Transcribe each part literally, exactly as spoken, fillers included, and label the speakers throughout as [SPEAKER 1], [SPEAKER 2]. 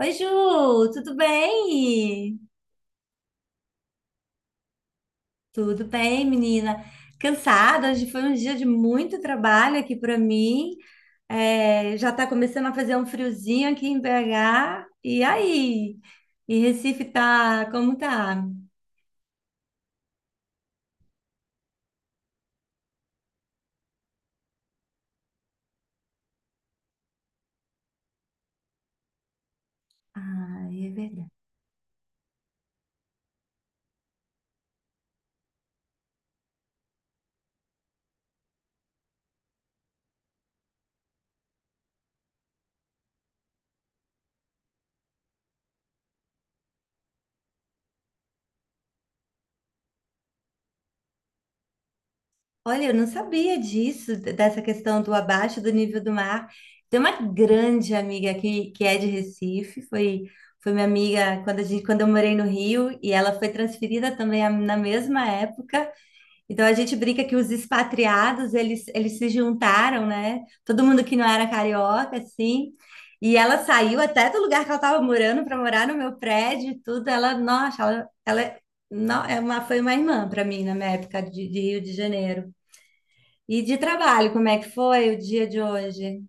[SPEAKER 1] Oi, Ju, tudo bem? Tudo bem, menina? Cansada, hoje foi um dia de muito trabalho aqui para mim. É, já está começando a fazer um friozinho aqui em B H. E aí? E Recife tá, como tá? Ai, é verdade. Olha, eu não sabia disso, d- dessa questão do abaixo do nível do mar. Tem uma grande amiga aqui que é de Recife, foi, foi minha amiga quando, a gente, quando eu morei no Rio, e ela foi transferida também a- na mesma época. Então a gente brinca que os expatriados, eles, eles se juntaram, né? Todo mundo que não era carioca, assim. E ela saiu até do lugar que ela estava morando para morar no meu prédio e tudo. Ela, nossa, ela, ela é- não, é uma, foi uma irmã para mim na minha época de de Rio de Janeiro. E de trabalho, como é que foi o dia de hoje?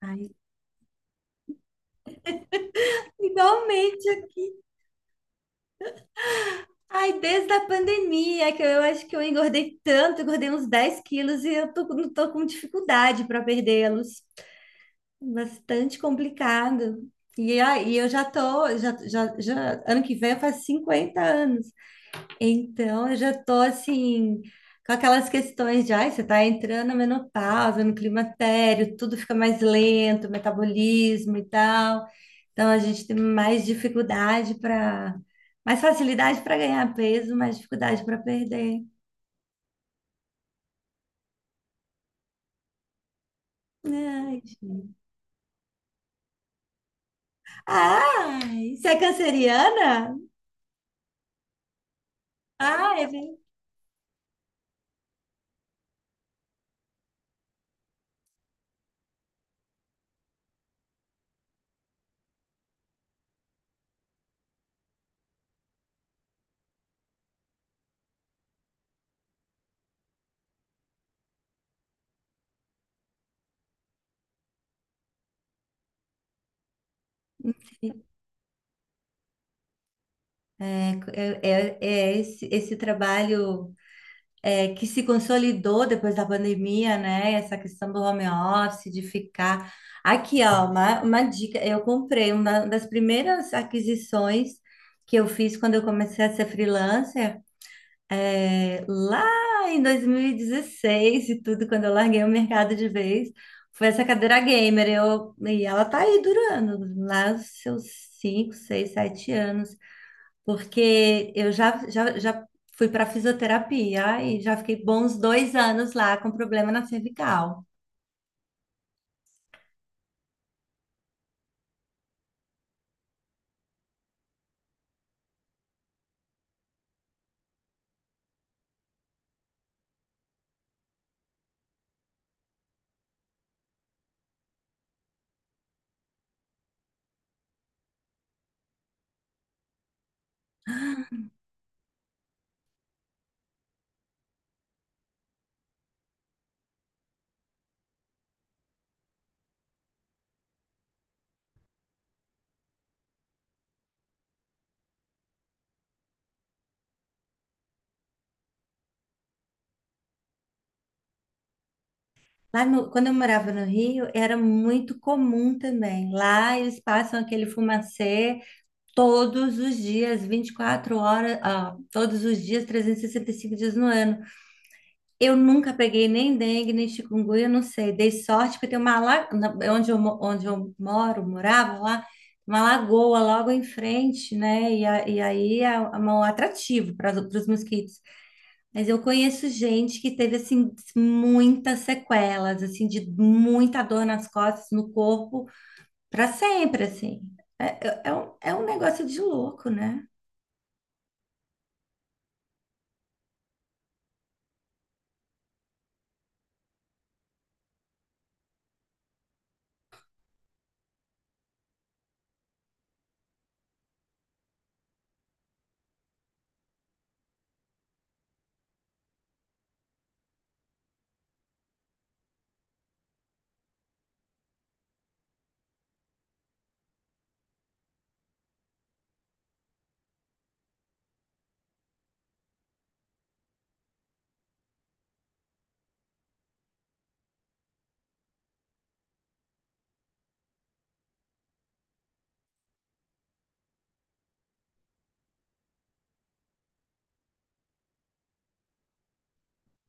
[SPEAKER 1] Ai, igualmente, ai, desde a pandemia, que eu acho que eu engordei tanto, engordei uns dez quilos e eu tô, com- tô com dificuldade para perdê-los. Bastante complicado. E aí eu já tô, já, já, já, ano que vem faz cinquenta anos. Então eu já tô assim, com aquelas questões de, ai, você tá entrando na menopausa, no climatério, tudo fica mais lento, metabolismo e tal. Então a gente tem mais dificuldade para, mais facilidade para ganhar peso, mais dificuldade para perder. Ai, gente. Ai, você é canceriana? Ai, gente. é, é, é é esse, esse trabalho é, que se consolidou depois da pandemia, né? Essa questão do home office, de ficar. Aqui, ó, uma, uma dica: eu comprei uma das primeiras aquisições que eu fiz quando eu comecei a ser freelancer. É, lá em dois mil e dezesseis e dezesseis e tudo, quando eu larguei o mercado de vez, foi essa cadeira gamer. Eu, e ela tá aí durando, lá os seus cinco seis sete anos, porque eu já, já, já fui para fisioterapia e já fiquei bons dois anos lá com problema na cervical. Lá no- Quando eu morava no Rio, era muito comum também. Lá eles passam aquele fumacê todos os dias, vinte e quatro horas, ah, todos os dias, trezentos e e sessenta e cinco dias no ano. Eu nunca peguei nem dengue, nem chikungunya, não sei. Dei sorte porque tem uma la... na- onde eu, mo- onde eu moro, morava lá, uma lagoa logo em frente, né? E, a- e aí é um é um atrativo para os mosquitos. Mas eu conheço gente que teve assim muitas sequelas, assim de muita dor nas costas, no corpo, para sempre, assim. É, é é um, é um negócio de louco, né?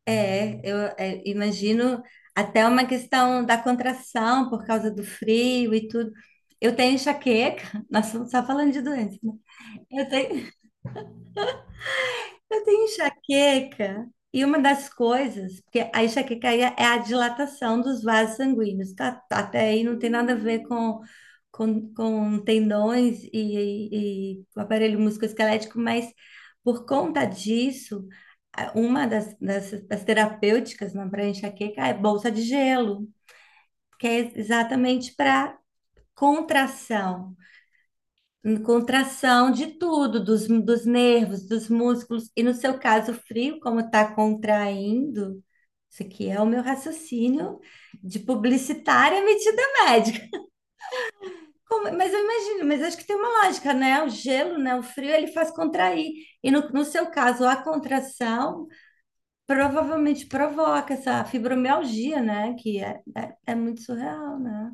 [SPEAKER 1] É, eu é, imagino até uma questão da contração por causa do frio e tudo. Eu tenho enxaqueca, nós estamos só falando de doença, né? Eu tenho, eu tenho enxaqueca e uma das coisas, porque a enxaqueca aí é é a dilatação dos vasos sanguíneos, tá? Tá, até aí não tem nada a ver com, com, com tendões e, e o aparelho musculoesquelético, mas por conta disso, a- uma das, das, das terapêuticas para enxaqueca é bolsa de gelo, que é exatamente para contração. Em contração de tudo, dos, dos nervos, dos músculos, e no seu caso, o frio, como está contraindo, isso aqui é o meu raciocínio de publicitária metida médica. Como- mas eu imagino, mas acho que tem uma lógica, né? O gelo, né? O frio, ele faz contrair. E no, no seu caso, a contração provavelmente provoca essa fibromialgia, né? Que é, é, é muito surreal, né?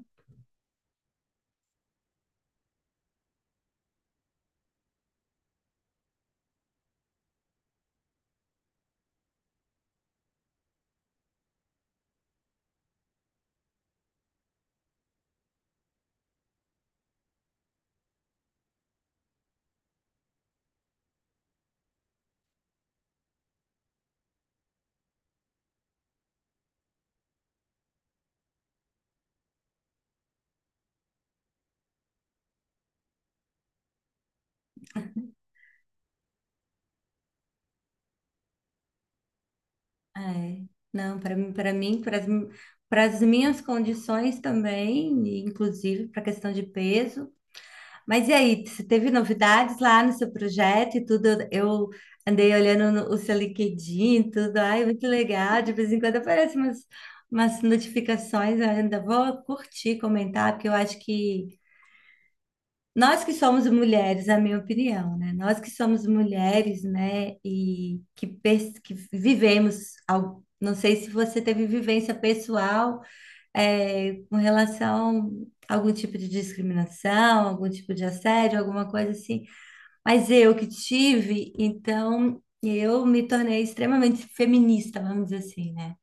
[SPEAKER 1] É, não, para mim, para mim, para as minhas condições também, e inclusive para a questão de peso. Mas e aí, você teve novidades lá no seu projeto e tudo? Eu andei olhando no- o seu LinkedIn, e tudo, ai, muito legal. De vez em quando aparecem umas, umas notificações, eu ainda vou curtir, comentar, porque eu acho que nós que somos mulheres, a minha opinião, né? Nós que somos mulheres, né? E que, pers- que vivemos, al- não sei se você teve vivência pessoal, eh, com relação a algum tipo de discriminação, algum tipo de assédio, alguma coisa assim. Mas eu que tive, então eu me tornei extremamente feminista, vamos dizer assim, né?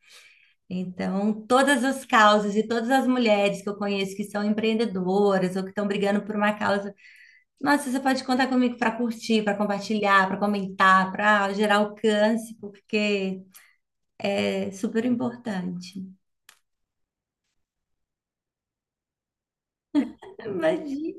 [SPEAKER 1] Então, todas as causas e todas as mulheres que eu conheço que são empreendedoras ou que estão brigando por uma causa nossa, você pode contar comigo para curtir, para compartilhar, para comentar, para gerar alcance, porque é super importante. Imagina.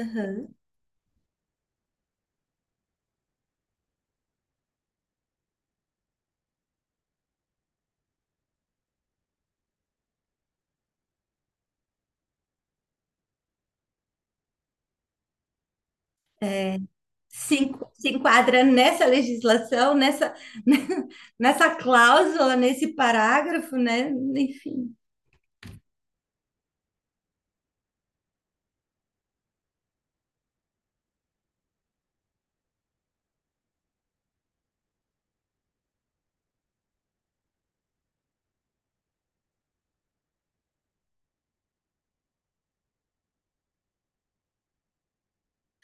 [SPEAKER 1] Aham. Se, en- se enquadra nessa legislação, nessa, nessa cláusula, nesse parágrafo, né? Enfim.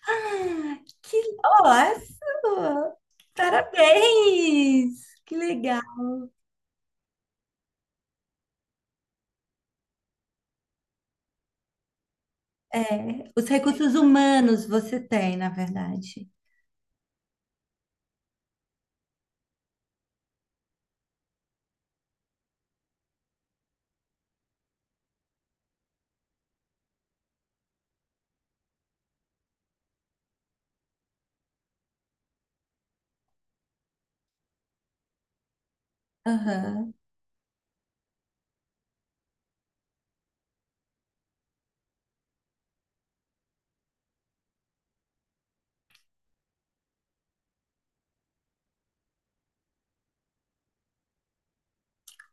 [SPEAKER 1] Ah, que, nossa! Parabéns! Que legal. É, os recursos humanos você tem, na verdade. Aham,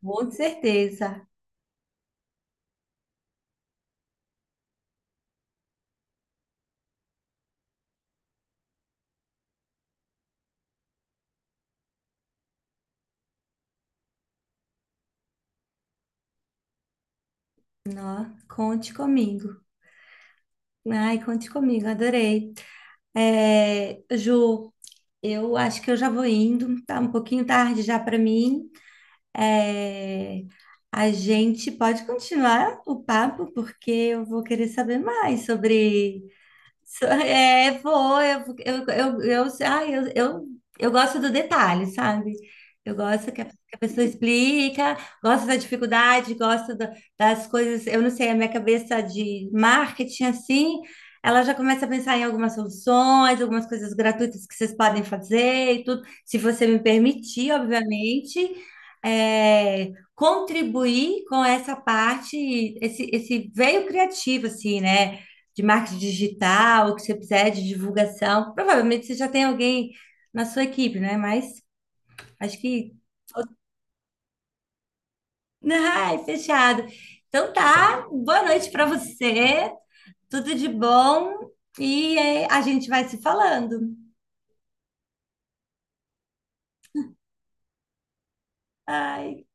[SPEAKER 1] com certeza. Nó, conte comigo. Ai, conte comigo, adorei. É, Ju, eu acho que eu já vou indo, tá um pouquinho tarde já para mim. É, a gente pode continuar o papo, porque eu vou querer saber mais sobre So- É, vou, eu, eu, eu, eu, ai, eu, eu, eu gosto do detalhe, sabe? Eu gosto que a, que a pessoa explica, gosto da dificuldade, gosto da- das coisas. Eu não sei, a minha cabeça de marketing, assim, ela já começa a pensar em algumas soluções, algumas coisas gratuitas que vocês podem fazer e tudo, se você me permitir, obviamente. É, contribuir com essa parte, esse, esse veio criativo, assim, né? De marketing digital, o que você precisar de divulgação. Provavelmente você já tem alguém na sua equipe, né? Mas acho que. Ai, fechado. Então tá, boa noite para você, tudo de bom e é, a gente vai se falando. Ai,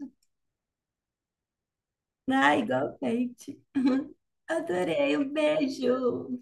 [SPEAKER 1] ai, igualmente. Adorei, um beijo.